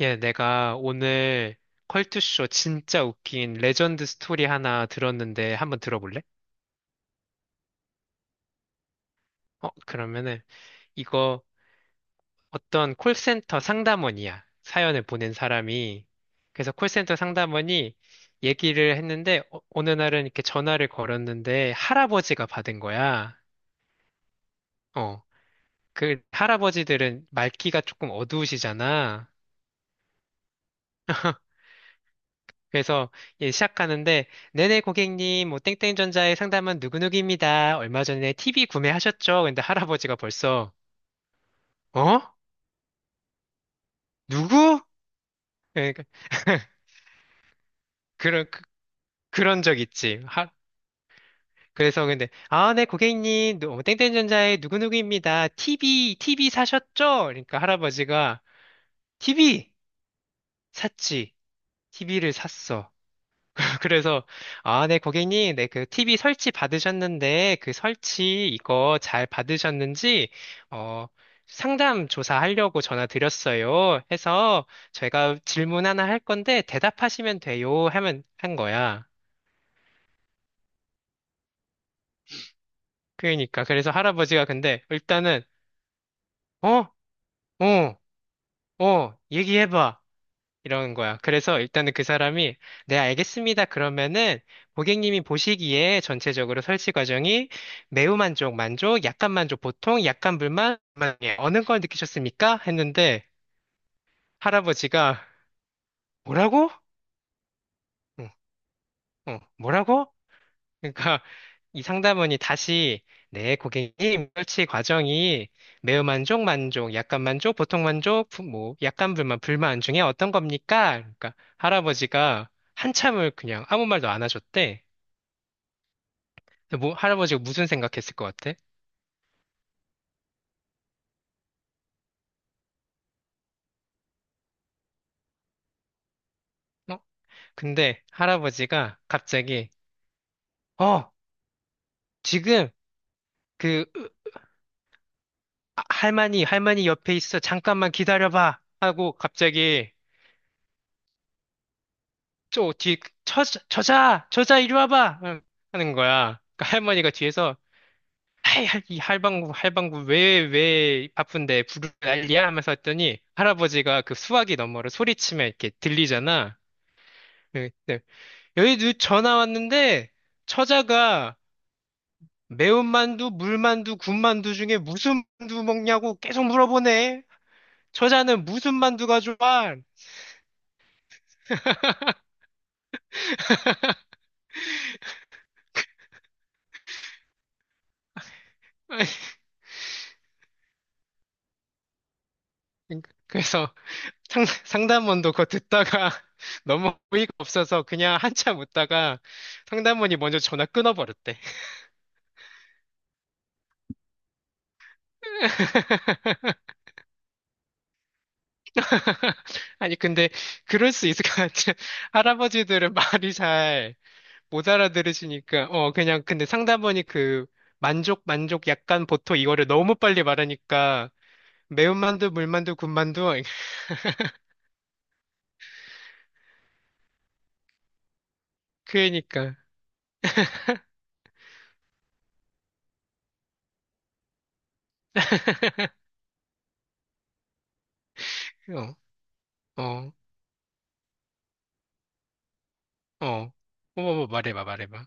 예, 내가 오늘 컬투쇼 진짜 웃긴 레전드 스토리 하나 들었는데 한번 들어볼래? 그러면은 이거 어떤 콜센터 상담원이야. 사연을 보낸 사람이. 그래서 콜센터 상담원이 얘기를 했는데 어느 날은 이렇게 전화를 걸었는데 할아버지가 받은 거야. 어. 그 할아버지들은 말귀가 조금 어두우시잖아. 그래서 예, 시작하는데 네네 고객님 뭐 땡땡전자의 상담은 누구누구입니다. 얼마 전에 TV 구매하셨죠? 근데 할아버지가 벌써 어? 누구? 그러니까 그런 그, 그런 적 있지. 그래서 근데 아, 네 고객님 땡땡전자의 누구누구입니다. TV 사셨죠? 그러니까 할아버지가 TV 샀지. TV를 샀어. 아, 그래서, 아, 네, 고객님, 네, 그 TV 설치 받으셨는데, 그 설치 이거 잘 받으셨는지, 어, 상담 조사하려고 전화 드렸어요. 해서, 제가 질문 하나 할 건데, 대답하시면 돼요. 하면, 한 거야. 그러니까, 그래서 할아버지가 근데, 일단은, 어? 어? 어? 얘기해봐. 이런 거야. 그래서 일단은 그 사람이, 네, 알겠습니다. 그러면은 고객님이 보시기에 전체적으로 설치 과정이 매우 만족, 만족, 약간 만족, 보통, 약간 불만, 불만, 예, 어느 걸 느끼셨습니까? 했는데 할아버지가 뭐라고? 응, 응, 뭐라고? 그러니까 이 상담원이 다시 네, 고객님, 설치 과정이 매우 만족, 만족, 약간 만족, 보통 만족, 뭐 약간 불만, 불만 중에 어떤 겁니까? 그러니까 할아버지가 한참을 그냥 아무 말도 안 하셨대. 근데 뭐 할아버지가 무슨 생각했을 것 같아? 어? 근데 할아버지가 갑자기 어, 지금 그 아, 할머니, 할머니 옆에 있어. 잠깐만 기다려봐. 하고 갑자기 저 뒤에 그 저자 저자 이리 와봐 응, 하는 거야. 그러니까 할머니가 뒤에서 에이, 이 할방구 할방구 왜 바쁜데 부르 난리야 하면서 했더니 할아버지가 그 수화기 너머로 소리치면 이렇게 들리잖아. 예, 네. 여기 누 전화 왔는데 처자가 매운만두 물만두 군만두 중에 무슨 만두 먹냐고 계속 물어보네. 처자는 무슨 만두가 좋아? 그래서 상담원도 그거 듣다가 너무 어이가 없어서 그냥 한참 웃다가 상담원이 먼저 전화 끊어버렸대. 아니, 근데 그럴 수 있을 것 같아. 할아버지들은 말이 잘 못 알아들으시니까, 그냥, 근데 상담원이 그 만족, 만족, 약간, 보통 이거를 너무 빨리 말하니까 매운만두, 물만두, 군만두, 그러니까. 어, 어, 어. 어머머, 말해봐, 말해봐.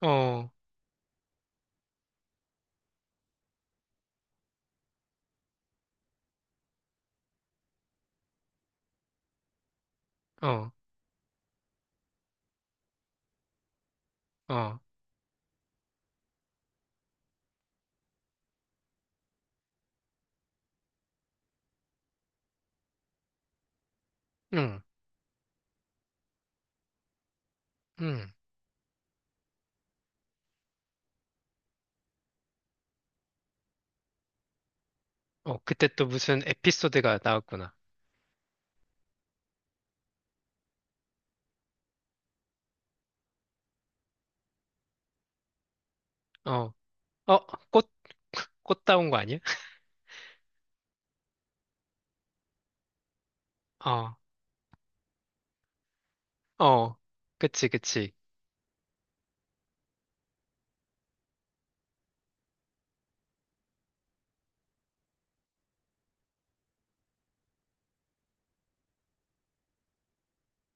어. 어, 어, 응, 응. 어, 그때 또 무슨 에피소드가 나왔구나. 어, 어, 꽃, 꽃 따온 거 아니야? 어, 어, 그치, 그치.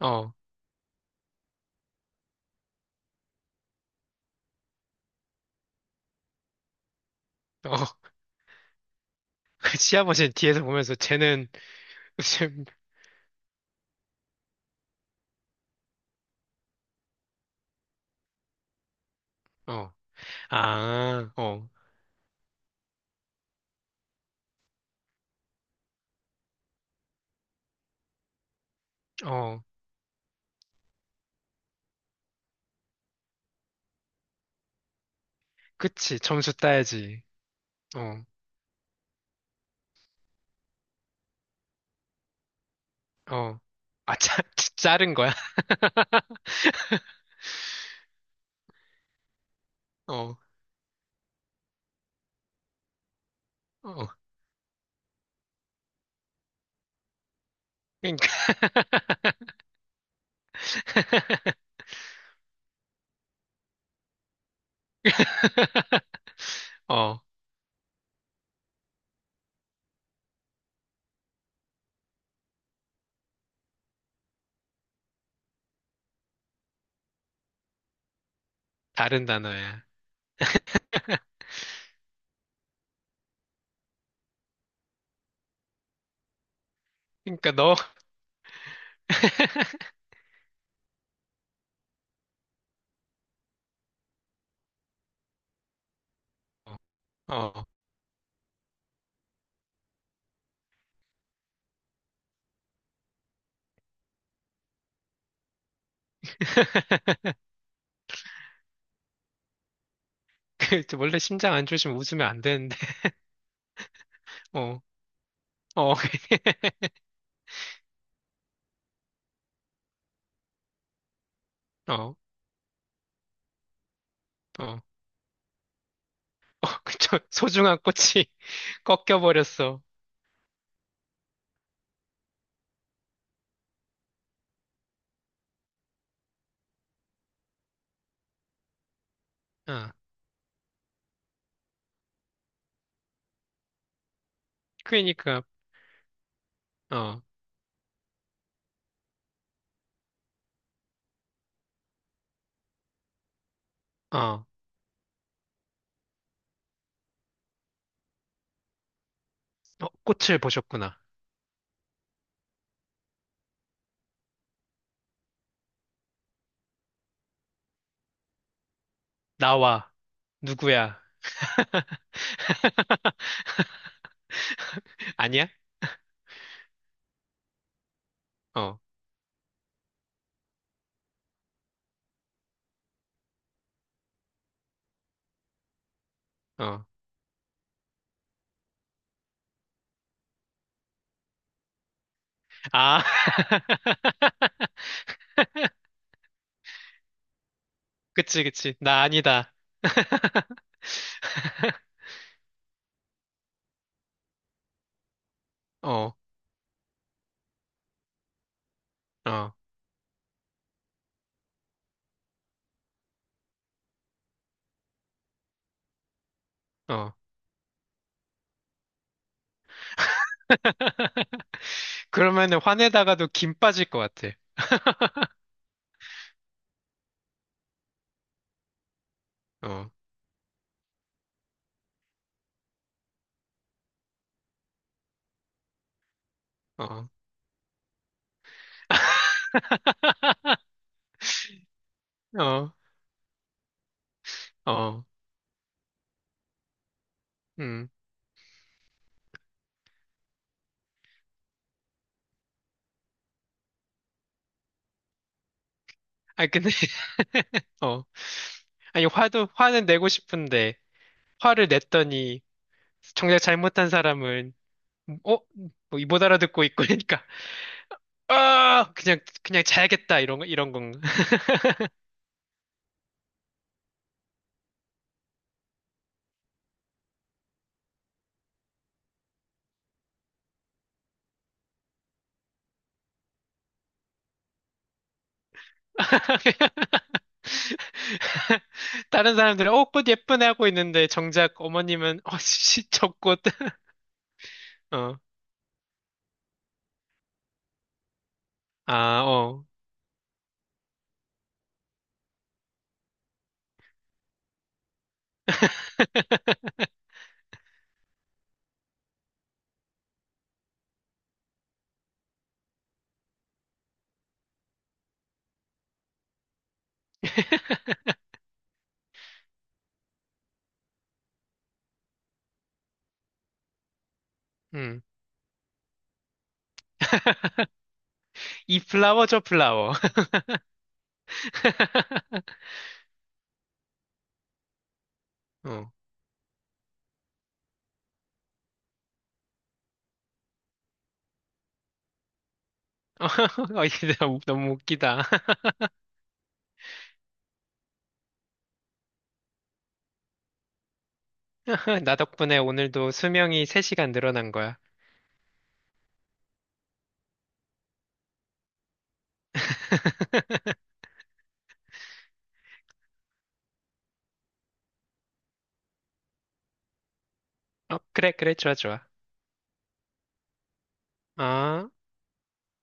어, 어. 그 시아버지는 뒤에서 보면서 쟤는 무슨, 어, 아, 어, 어, 그치. 점수 따야지. 어, 어. 아, 자른 거야? 어, 어. 그러니까. 어, 다른 단어야. 그러니까 너, 어. 그, 원래 심장 안 좋으시면 웃으면 안 되는데, 어, 어, 어, 어, 어, 그쵸. 소중한 꽃이 꺾여버렸어. 어, 그러니까, 어, 어, 어, 꽃을 보셨구나. 나와, 누구야. 아니야? 어, 어. 아, 그치, 그치. 나 아니다. 어, 어. 어. 그러면은 화내다가도 김 빠질 것 같아. 어, 어, 어, 어, 음. 아, 근데, 어. 아니, 화도, 화는 내고 싶은데, 화를 냈더니, 정작 잘못한 사람은, 어? 뭐이못 알아듣고 있고, 그러니까, 아! 그냥, 그냥 자야겠다, 이런, 이런 건가? 다른 사람들은 어, 꽃 예쁘네 하고 있는데 정작 어머님은 어, 씨, 저 꽃. 어. 아, 어. 음. 이 플라워 저 플라워. 어. 어, 이게 너무 너무 웃기다. 나 덕분에 오늘도 수명이 3시간 늘어난 거야. 어, 그래, 그래, 좋아, 좋아. 아.